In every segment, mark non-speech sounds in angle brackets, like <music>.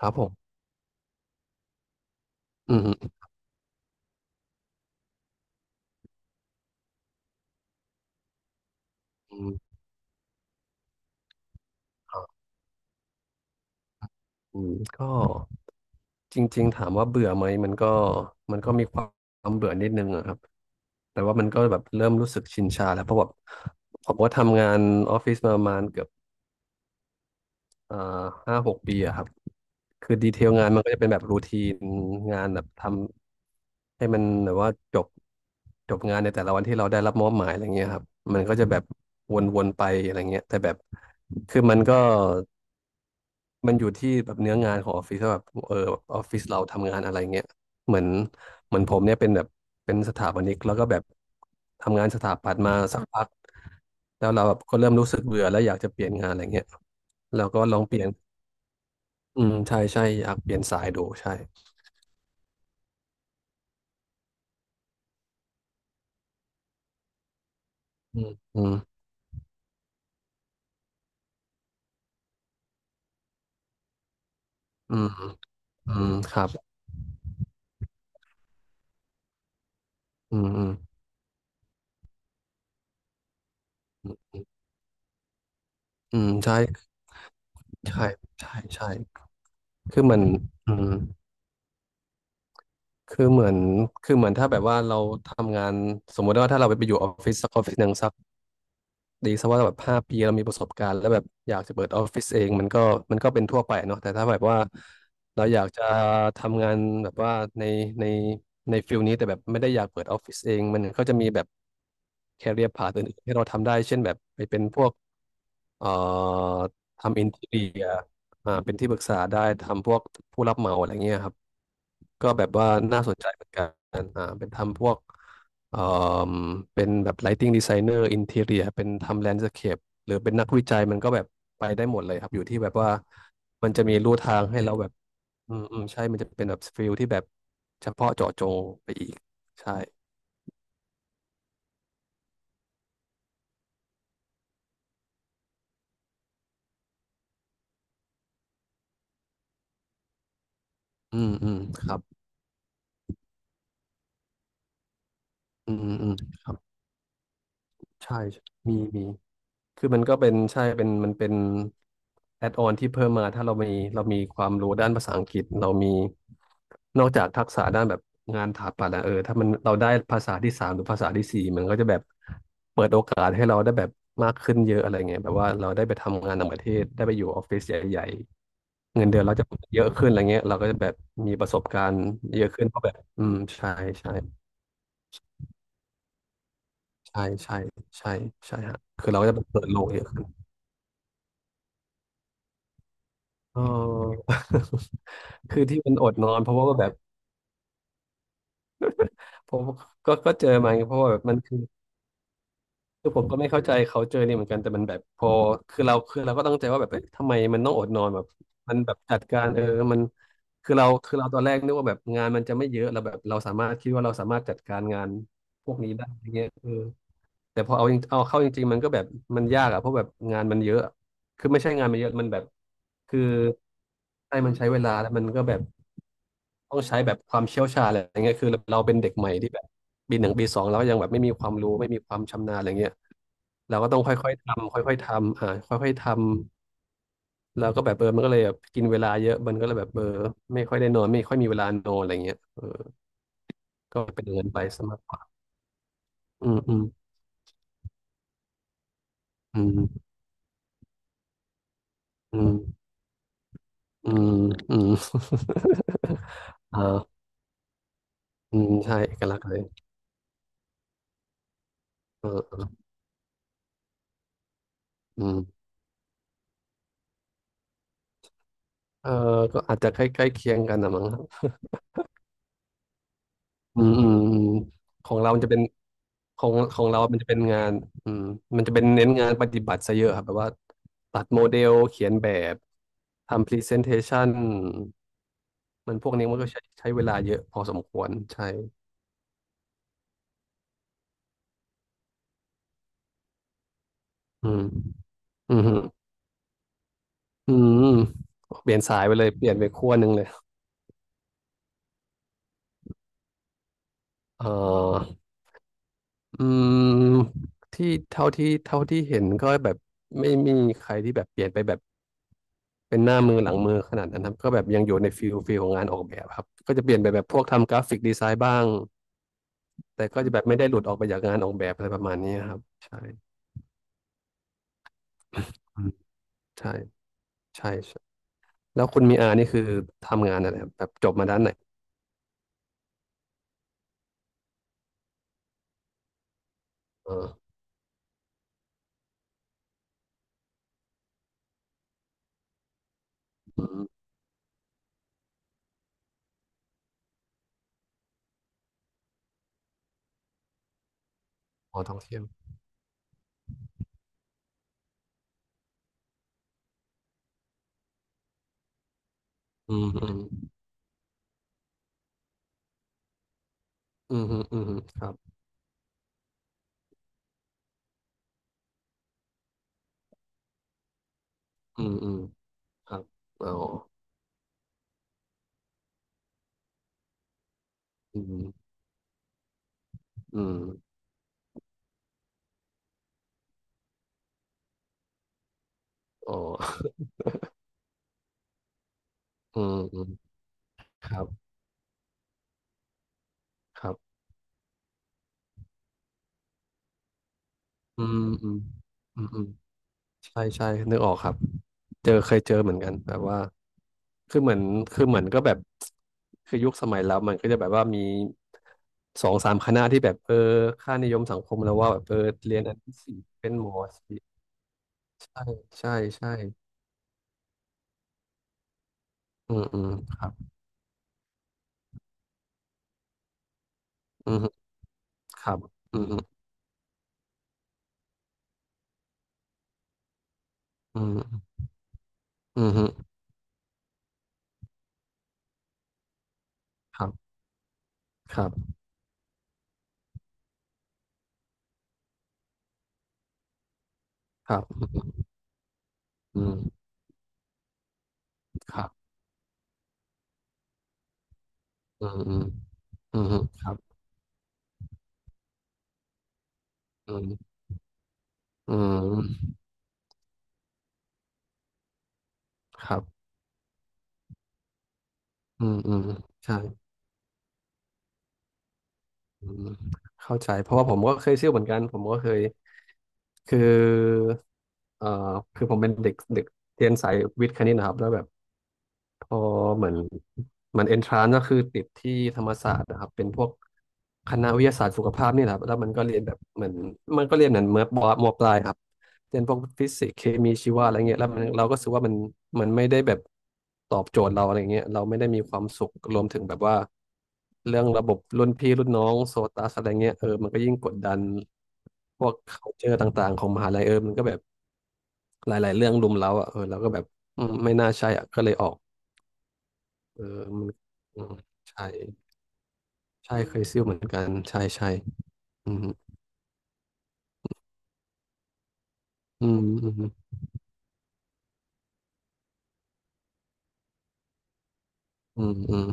ครับผมอืมอืมอืมก็จริงๆถามว่าเบื่อไหมมันก็มีความเบื่อนิดนึงอะครับ แต่ว่ามันก็แบบเริ่มรู้สึกชินชาแล้วเพราะแบบผมว่าทำงานออฟฟิศมาประมาณเกือบอ่า5-6 ปีอะครับ คือดีเทลงานมันก็จะเป็นแบบรูทีนงานแบบทำให้มันแบบว่าจบงานในแต่ละวันที่เราได้รับมอบหมายอะไรเงี้ยครับมันก็จะแบบวนๆไปอะไรเงี้ยแต่แบบคือมันก็ มันอยู่ที่แบบเนื้องานของออฟฟิศว่าแบบออฟฟิศเราทำงานอะไรเงี้ยเหมือนเหมือนผมเนี่ยเป็นแบบเป็นสถาปนิกแล้วก็แบบทำงานสถาปัตย์มาสักพักแล้วเราแบบก็เริ่มรู้สึกเบื่อแล้วอยากจะเปลี่ยนงานอะไรเงี้ยเราก็ลองเปลี่ยนอืมใช่ใช่อยากเปลี่ยนสายดูใช่อืมอืมอืมอืมครับอืมอืมอืมใช่ใช่ใช่ใช่คือเหมือนอืมคือเหมือนคือเหมือนถ้าแบบว่าเราทำงานสมมุติว่าถ้าเราไปอยู่ออฟฟิศสักออฟฟิศหนึ่งสัก ดีซะว่าแบบ5 ปีเรามีประสบการณ์แล้วแบบอยากจะเปิดออฟฟิศเองมันก็เป็นทั่วไปเนาะแต่ถ้าแบบว่าเราอยากจะทำงานแบบว่าในในในฟิลนี้แต่แบบไม่ได้อยากเปิดออฟฟิศเองมันก็จะมีแบบแคเรียร์พาธอื่นๆที่เราทำได้เช่นแบบไปเป็นพวกเอ่อทำอินทีเรีย เป็นที่ปรึกษาได้ทำพวกผู้รับเหมาอะไรเงี้ยครับก็แบบว่าน่าสนใจเหมือนกันเป็นทำพวกเอ่มเป็นแบบ lighting designer interior เป็นทำ landscape หรือเป็นนักวิจัยมันก็แบบไปได้หมดเลยครับอยู่ที่แบบว่ามันจะมีลู่ทางให้เราแบบอืมอืมใช่มันจะเป็นแบบฟิลที่แบบเฉพาะเจาะจงไปอีกใช่อืมอืมครับอืมอืมอืมครับใช่มี คือมันก็เป็นใช่เป็นมันเป็นแอดออนที่เพิ่มมาถ้าเรามีความรู้ด้านภาษาอังกฤษเรามีนอกจากทักษะด้านแบบงานถาปัตย์อะเออถ้ามันเราได้ภาษาที่ 3หรือภาษาที่ 4มันก็จะแบบเปิดโอกาสให้เราได้แบบมากขึ้นเยอะอะไรเงี้ยแบบว่าเราได้ไปทำงานต่างประเทศได้ไปอยู่ออฟฟิศใหญ่ๆเงินเดือนเราจะเยอะขึ้นอะไรเงี้ยเราก็จะแบบมีประสบการณ์เยอะขึ้นเพราะแบบอืมใช่ใช่ใช่ใช่ใช่ใช่ฮะคือเราก็จะแบบเปิดโลกเยอะขึ้น เออ <laughs> คือที่มันอดนอนเพราะว่าแบบผมก็เจอมาไงเพราะว่าแบบมันคือผมก็ไม่เข้าใจเขาเจอเนี่ยเหมือนกันแต่มันแบบพอคือเราก็ตั้งใจว่าแบบเอ้ยทำไมมันต้องอดนอนแบบมันแบบจัดการมันคือเราตอนแรกนึกว่าแบบงานมันจะไม่เยอะเราแบบเราสามารถคิดว่าเราสามารถจัดการงานพวกนี้ได้อย่างเงี้ยแต่พอเอาจริงเอาเข้าจริงๆมันก็แบบมันยากอะเพราะแบบงานมันเยอะคือไม่ใช่งานมันเยอะมันแบบคือใช่มันใช้เวลาแล้วมันก็แบบ ต้องใช้แบบความเชี่ยวชาญอะไรอย่างเงี้ยคือเราเป็นเด็กใหม่ที่แบบปี 1 ปี 2เราก็ยังแบบไม่มีความรู้ไม่มีความชำนาญอะไรเงี้ยเราก็ต้องค่อยๆทำค่อยๆทำค่อยๆทำแล้วก็แบบมันก็เลยแบบกินเวลาเยอะมันก็เลยแบบไม่ค่อยได้นอนไม่ค่อยมีเวลานอนอะไรเงี้ยก็เป็นเงินไปซะมากกว่าอืมอืมอืมอืมอืมอืม <laughs> อ่าอืมใช่เอกลักษณ์เลยเออเอออืมเออก็อาจจะใกล้ใกล้เคียงกันนะมั้ง อืมอืมอืมของเรามันจะเป็นของเรามันจะเป็นงานอืมมันจะเป็นเน้นงานปฏิบัติซะเยอะครับแบบว่าตัดโมเดลเขียนแบบทำพรีเซนเทชันมันพวกนี้มันก็ใช้เวลาเยอะพอสมควรใช่อืมอืมฮึอืมเปลี่ยนสายไปเลยเปลี่ยนไปขั้วหนึ่งเลยเอออืมที่เท่าที่เห็นก็แบบไม่มีใครที่แบบเปลี่ยนไปแบบ เป็นหน้ามือหลังมือขนาดนั้นครับก็แบบยังอยู่ในฟิลของงานออกแบบครับก็จะเปลี่ยนไปแบบพวกทำกราฟิกดีไซน์บ้างแต่ก็จะแบบไม่ได้หลุดออกไปจากงานออกแบบอะไรประมาณนี้ครับใช่อืมใช่ใช่ใช่แล้วคุณมีอานี่คือทำงานอะไรครับแบบจบมาด้านไหนเอออืมอ๋อท่องเที่ยวอืมอืมอืมอืมอืมครับอืมอืมครับอ๋ออืมอืมอ๋อ <laughs> อืมอืมครับครับอืมอืมอืมอืม ใช่ใช่นึกออกครับเจอเคยเจอเหมือนกันแบบว่าคือเหมือนคือเหมือนก็แบบคือยุคสมัยเรามันก็จะแบบว่ามีสองสามคณะที่แบบเออค่านิยมสังคมแล้วว่าแบบเออเรียนอันที่สี่เป็นหมอสิใช่ใช่ใช่อืมอืมครับอืมครับอืมอืมอืมอืมครับครับครับอืมอืมครับอืมอืมอืมครับอืมอืมครับอืมอืมใช่ อืมเข้าใจเพราะว่าผมก็เคยซิ่วเหมือนกันผมก็เคยคือเอ่อคือผมเป็นเด็กเด็กเรียนสายวิทย์คณิตนะครับแล้วแบบ พอเหมือนมันเอนทรานก็คือติดที่ธรรมศาสตร์นะครับเป็นพวกคณะวิทยาศาสตร์สุขภาพนี่แหละครับแล้วมันก็เรียนแบบเหมือนมันก็เรียนเหมือนเมื่อปมปลายครับเรียนพวกฟิสิกส์เคมีชีวะอะไรเงี้ยแล้วมันเราก็รู้สึกว่ามันไม่ได้แบบตอบโจทย์เราอะไรเงี้ยเราไม่ได้มีความสุขรวมถึงแบบว่าเรื่องระบบรุ่นพี่รุ่นน้องโซตัสอะไรเงี้ยเออมันก็ยิ่งกดดันพวก culture ต่างๆของมหาลัยเออมันก็แบบหลายๆเรื่องรุมเร้าอ่ะเออเราก็แบบอืมไม่น่าใช่อ่ะก็เลยออก เออมันอืมใช่ใช่เคยซิ่วเหมือนกันใช่ใช่อืมอืมอืมอืมอืม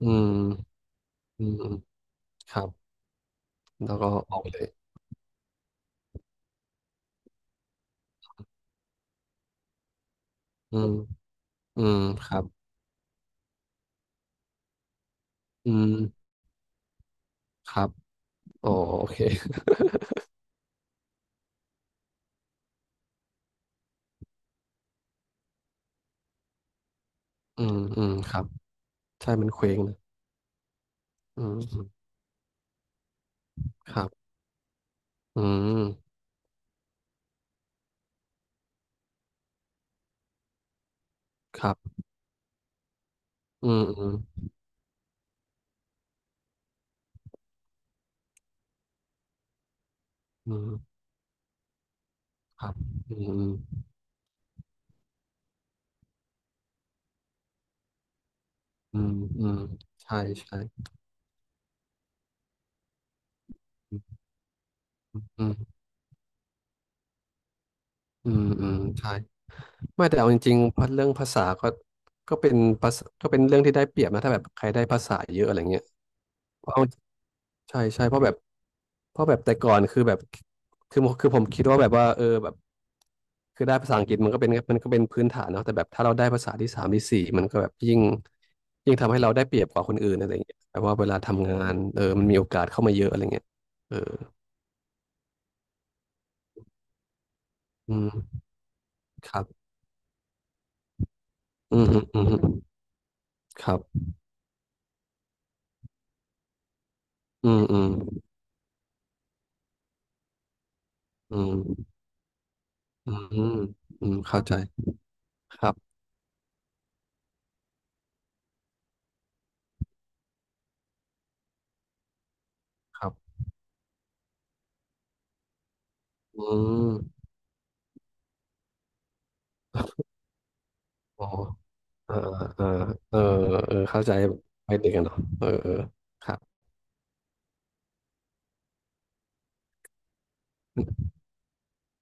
อืมอืมอืมครับแล้วก็ออกไปเลยอืมอืมครับอืมครับอ๋อโอเคอืมอืมครับใช่มันเคว้งนะอืมอืมครับอืมครับอืมอืมอืมครับอืมอืมอืมอืมใช่ใช่อืมอืมอืมใช่ ไม่แต่เอาจริงๆพัดเรื่องภาษาก็ก็เป็นภาษาก็เป็นเรื่องที่ได้เปรียบนะถ้าแบบใครได้ภาษาเยอะอะไรเงี้ยเพราะเอาใช่ใช่เพราะแบบแต่ก่อนคือแบบคือผมคิดว่าแบบว่าเออแบบคือได้ภาษาอังกฤษมันก็เป็นพื้นฐานเนาะแต่แบบถ้าเราได้ภาษาที่สามที่สี่มันก็แบบยิ่งทำให้เราได้เปรียบกว่าคนอื่นอะไรเงี้ยแปลว่าเวลาทำงานเออมันมีโอกาสเข้ามาเยอะอะไรเงี้ยเอออืมครับอืมอืมอืมครับอืมอืมอืมอืมอืมเข้าใจ ครับครับอืมอ๋อเออเออเออเออเข้าใจไปเด็กกันเนาะเออเออครับ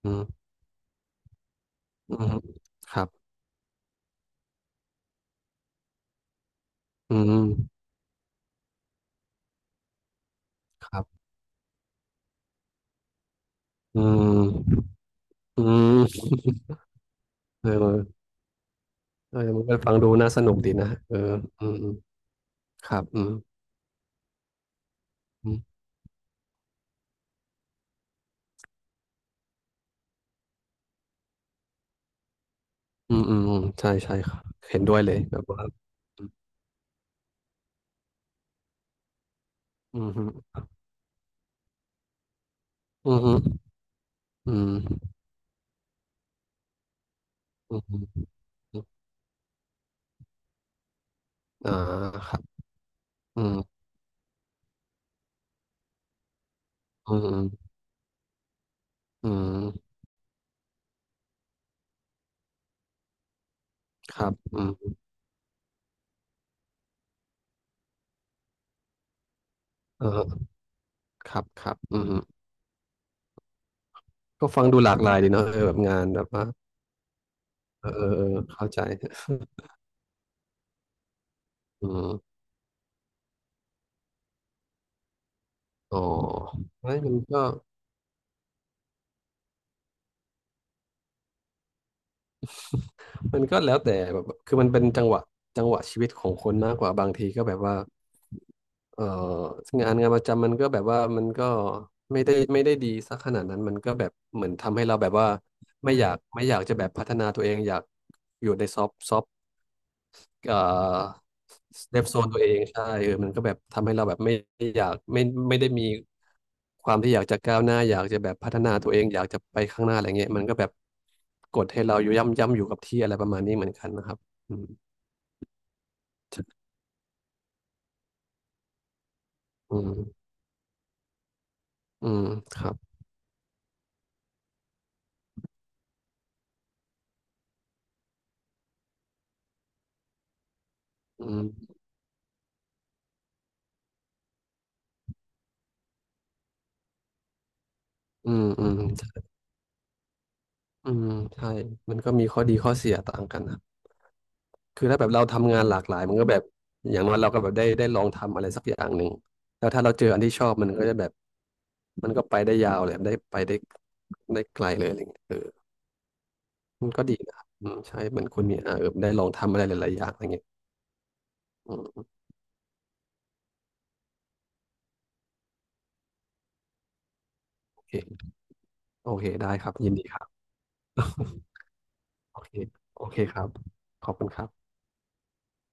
อืมอืมครับอืมครับอืมอืม <laughs> เออเออมันก็ฟังดูน่าสนุกดีนะเอออืมอืมครับอืมอืมอืมอืมอืมใช่ใช่ครับเห็นด้วยเลยแบบว่าอืมฮึอืมฮึอืมอืมฮึอมอ่าครับอืมอืมอืมอืมครับอืมเออ ครับครับอืมก็ฟังดูหลากหลายดีเนาะเออแบบงานแบบว่าเออเออเออเข้าใจ <laughs> อืมอ๋อไม่มันก็แล้วแต่แบบคือมันเป็นจังหวะชีวิตของคนมากกว่าบางทีก็แบบว่าเอองานงานประจำมันก็แบบว่ามันก็ไม่ได้ดีสักขนาดนั้นมันก็แบบเหมือนทำให้เราแบบว่าไม่อยากจะแบบพัฒนาตัวเองอยากอยู่ในซอฟต์ เอ่อเซฟโซนตัวเองใช่เออมันก็แบบทำให้เราแบบไม่อยากไม่ไม่ได้มีความที่อยากจะก้าวหน้าอยากจะแบบพัฒนาตัวเองอยากจะไปข้างหน้าอะไรเงี้ยมันก็แบบกดให้เราอยู่ย่ำอยู่กับที่อะไรประมาณนี้เหมือนกันนะครับอืมอืมอืมครับอืมอืมอืมอืมใช่มันก็มีข้อดีข้อเสียต่างกันนะ คือถ้าแบบเราทำงานหลากหลายมันก็แบบอย่างน้อยเราก็แบบได้ลองทำอะไรสักอย่างหนึ่งแล้วถ้าเราเจออันที่ชอบมันก็จะแบบมันก็ไปได้ยาวเลยได้ไกลเลยอะไรเงี้ยเออมันก็ดีนะครับอืมใช่เหมือนคุณเนี่ยอ่ะเออได้ลองทำอะไรหลายๆอย่างอะไรเงี้ยอืมโอเคโอเคได้ครับยินดีครับ <laughs> โอเคโอเคครับขอบคุณครับ